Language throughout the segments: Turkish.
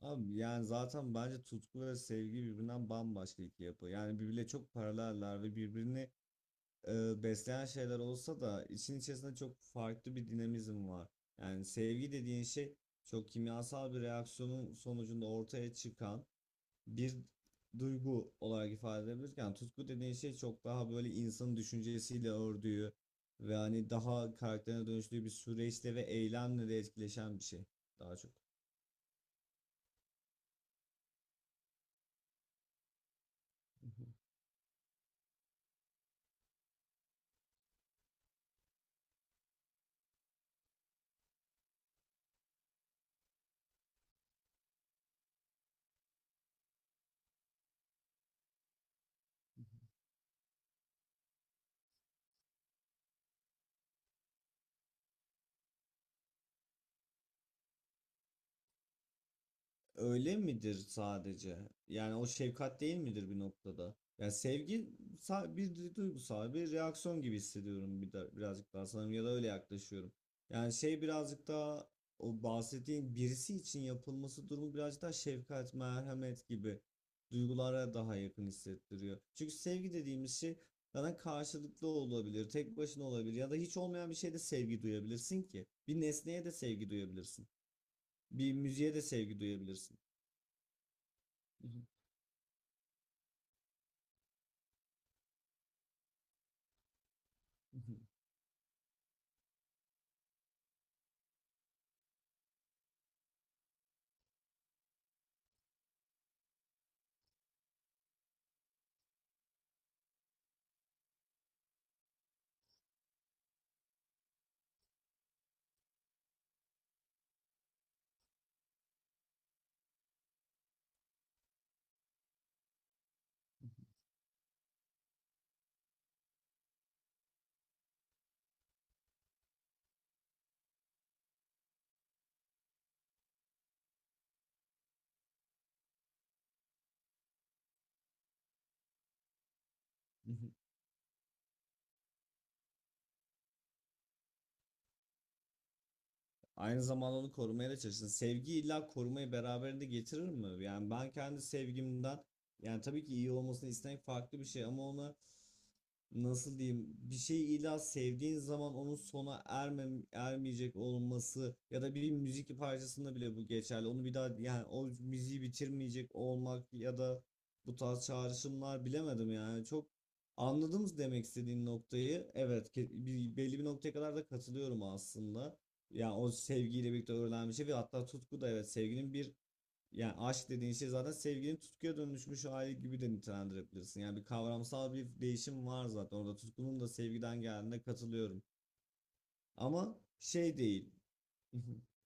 Abi yani zaten bence tutku ve sevgi birbirinden bambaşka iki yapı. Yani birbirle çok paraleller ve birbirini besleyen şeyler olsa da işin içerisinde çok farklı bir dinamizm var. Yani sevgi dediğin şey çok kimyasal bir reaksiyonun sonucunda ortaya çıkan bir duygu olarak ifade edebilirken tutku dediğin şey çok daha böyle insanın düşüncesiyle ördüğü ve hani daha karakterine dönüştüğü bir süreçte ve eylemle de etkileşen bir şey daha çok. Öyle midir sadece? Yani o şefkat değil midir bir noktada? Yani sevgi bir duygusal bir reaksiyon gibi hissediyorum bir de, birazcık daha sanırım ya da öyle yaklaşıyorum. Yani şey birazcık daha o bahsettiğin birisi için yapılması durumu birazcık daha şefkat, merhamet gibi duygulara daha yakın hissettiriyor. Çünkü sevgi dediğimiz şey sana karşılıklı olabilir, tek başına olabilir ya da hiç olmayan bir şeyde sevgi duyabilirsin ki. Bir nesneye de sevgi duyabilirsin. Bir müziğe de sevgi duyabilirsin. Mhm, mhm. Aynı zamanda onu korumaya da çalışın. Sevgi illa korumayı beraberinde getirir mi? Yani ben kendi sevgimden, yani tabii ki iyi olmasını istemek farklı bir şey ama ona nasıl diyeyim, bir şeyi illa sevdiğin zaman onun sona ermeyecek olması ya da bir müzik parçasında bile bu geçerli. Onu bir daha yani o müziği bitirmeyecek olmak ya da bu tarz çağrışımlar bilemedim yani, çok anladınız demek istediğin noktayı. Evet, bir, belli bir noktaya kadar da katılıyorum aslında. Yani o sevgiyle birlikte öğrenen bir şey ve hatta tutku da evet sevginin bir, yani aşk dediğin şey zaten sevginin tutkuya dönüşmüş hali gibi de nitelendirebilirsin. Yani bir kavramsal bir değişim var zaten orada. Tutkunun da sevgiden geldiğine katılıyorum. Ama şey değil.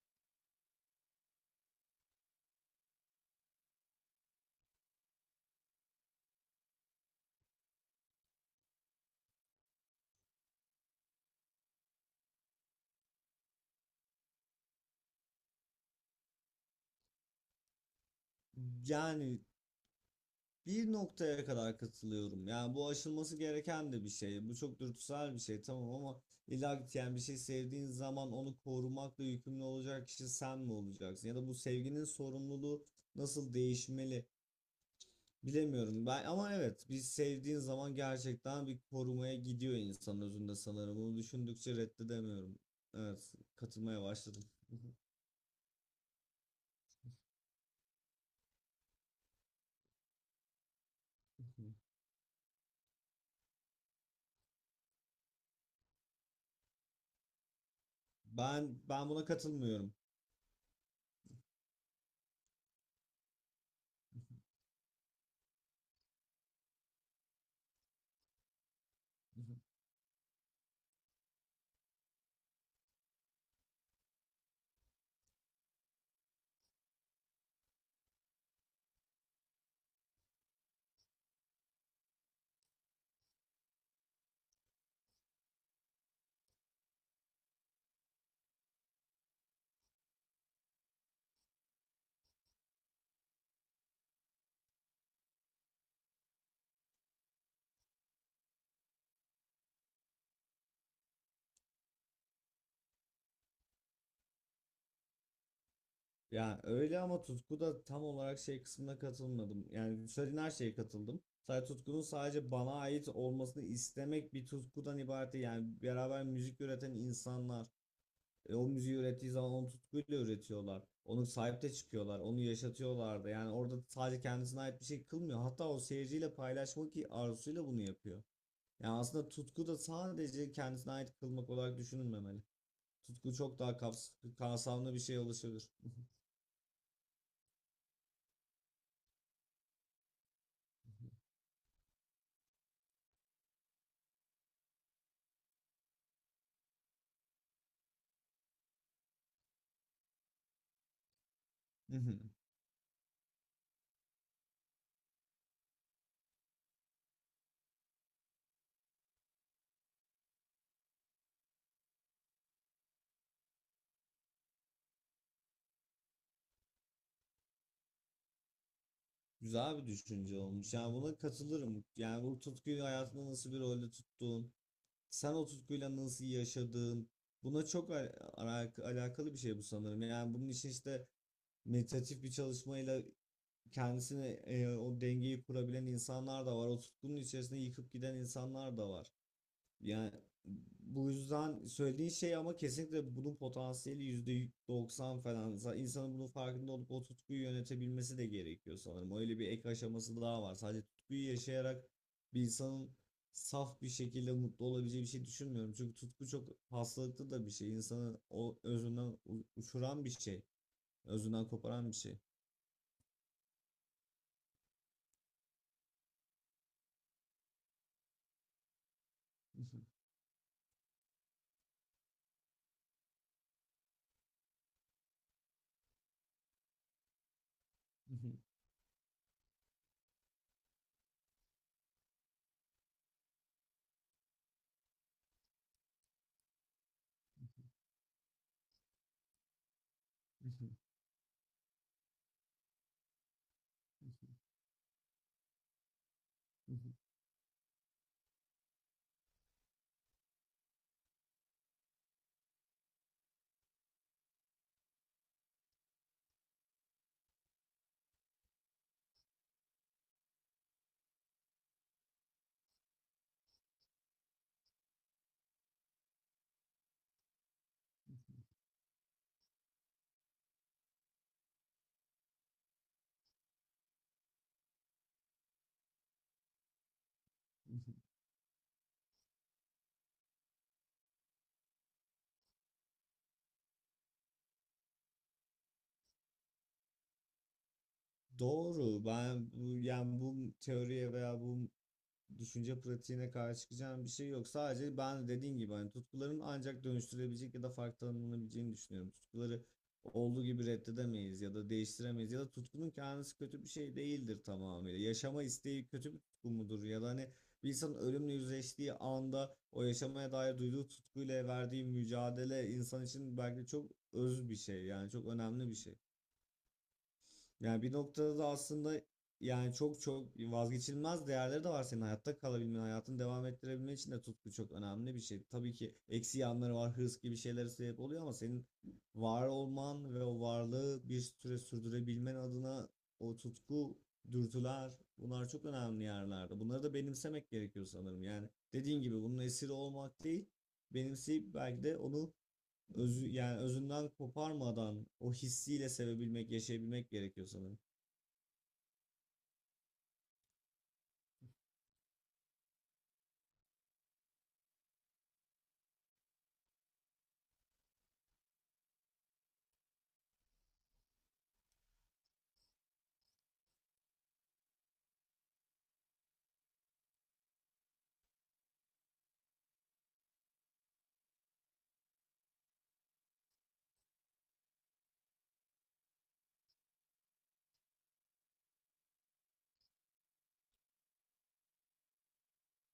Yani bir noktaya kadar katılıyorum. Yani bu aşılması gereken de bir şey. Bu çok dürtüsel bir şey tamam ama illa ki yani bir şey sevdiğin zaman onu korumakla yükümlü olacak kişi sen mi olacaksın? Ya da bu sevginin sorumluluğu nasıl değişmeli? Bilemiyorum ben ama evet biz sevdiğin zaman gerçekten bir korumaya gidiyor insan özünde sanırım. Bunu düşündükçe reddedemiyorum. Evet, katılmaya başladım. Ben buna katılmıyorum. Yani öyle ama tutku da tam olarak şey kısmına katılmadım. Yani söylediğin her şeye katıldım. Sadece tutkunun sadece bana ait olmasını istemek bir tutkudan ibaret değil. Yani beraber müzik üreten insanlar, o müziği ürettiği zaman onu tutkuyla üretiyorlar. Onu sahip de çıkıyorlar. Onu yaşatıyorlar da. Yani orada sadece kendisine ait bir şey kılmıyor. Hatta o seyirciyle paylaşmak arzusuyla bunu yapıyor. Yani aslında tutku da sadece kendisine ait kılmak olarak düşünülmemeli. Tutku çok daha kapsamlı bir şeye ulaşabilir. Güzel bir düşünce olmuş. Yani buna katılırım. Yani bu tutkuyu hayatında nasıl bir rolde tuttuğun, sen o tutkuyla nasıl yaşadığın, buna çok alakalı bir şey bu sanırım. Yani bunun için işte meditatif bir çalışmayla kendisine o dengeyi kurabilen insanlar da var. O tutkunun içerisinde yıkıp giden insanlar da var. Yani bu yüzden söylediğin şey, ama kesinlikle bunun potansiyeli %90 falan. İnsanın bunun farkında olup o tutkuyu yönetebilmesi de gerekiyor sanırım. Öyle bir ek aşaması daha var. Sadece tutkuyu yaşayarak bir insanın saf bir şekilde mutlu olabileceği bir şey düşünmüyorum. Çünkü tutku çok hastalıklı da bir şey. İnsanı o özünden uçuran bir şey. Özünden koparan bir şey. Doğru. Ben bu yani bu teoriye veya bu düşünce pratiğine karşı çıkacağım bir şey yok. Sadece ben dediğin gibi hani tutkuların ancak dönüştürebilecek ya da farklı tanımlanabileceğini düşünüyorum. Tutkuları olduğu gibi reddedemeyiz ya da değiştiremeyiz ya da tutkunun kendisi kötü bir şey değildir tamamıyla. Yaşama isteği kötü bir tutku mudur ya da hani bir insanın ölümle yüzleştiği anda o yaşamaya dair duyduğu tutkuyla verdiği mücadele insan için belki çok öz bir şey, yani çok önemli bir şey. Yani bir noktada da aslında, yani çok çok vazgeçilmez değerleri de var, senin hayatta kalabilmen, hayatını devam ettirebilmen için de tutku çok önemli bir şey. Tabii ki eksi yanları var, hırs gibi şeylere sebep oluyor ama senin var olman ve o varlığı bir süre sürdürebilmen adına o tutku, dürtüler, bunlar çok önemli yerlerde. Bunları da benimsemek gerekiyor sanırım. Yani dediğin gibi bunun esiri olmak değil, benimseyip belki de onu özü, yani özünden koparmadan o hissiyle sevebilmek, yaşayabilmek gerekiyor sanırım.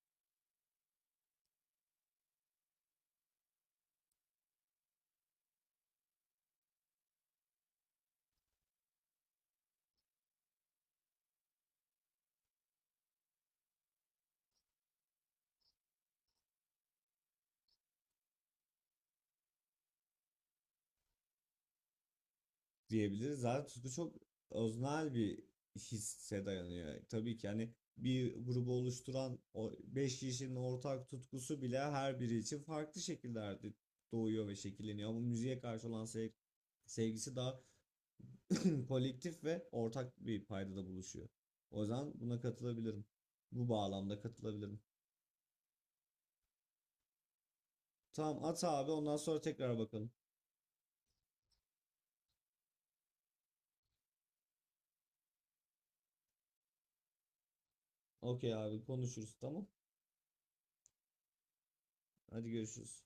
Diyebiliriz. Zaten tutku çok öznel bir hisse dayanıyor. Tabii ki hani bir grubu oluşturan o beş kişinin ortak tutkusu bile her biri için farklı şekillerde doğuyor ve şekilleniyor. Ama müziğe karşı olan sevgisi daha kolektif ve ortak bir paydada buluşuyor. O yüzden buna katılabilirim. Bu bağlamda katılabilirim. Tamam at abi, ondan sonra tekrar bakalım. Okey abi, konuşuruz tamam. Hadi görüşürüz.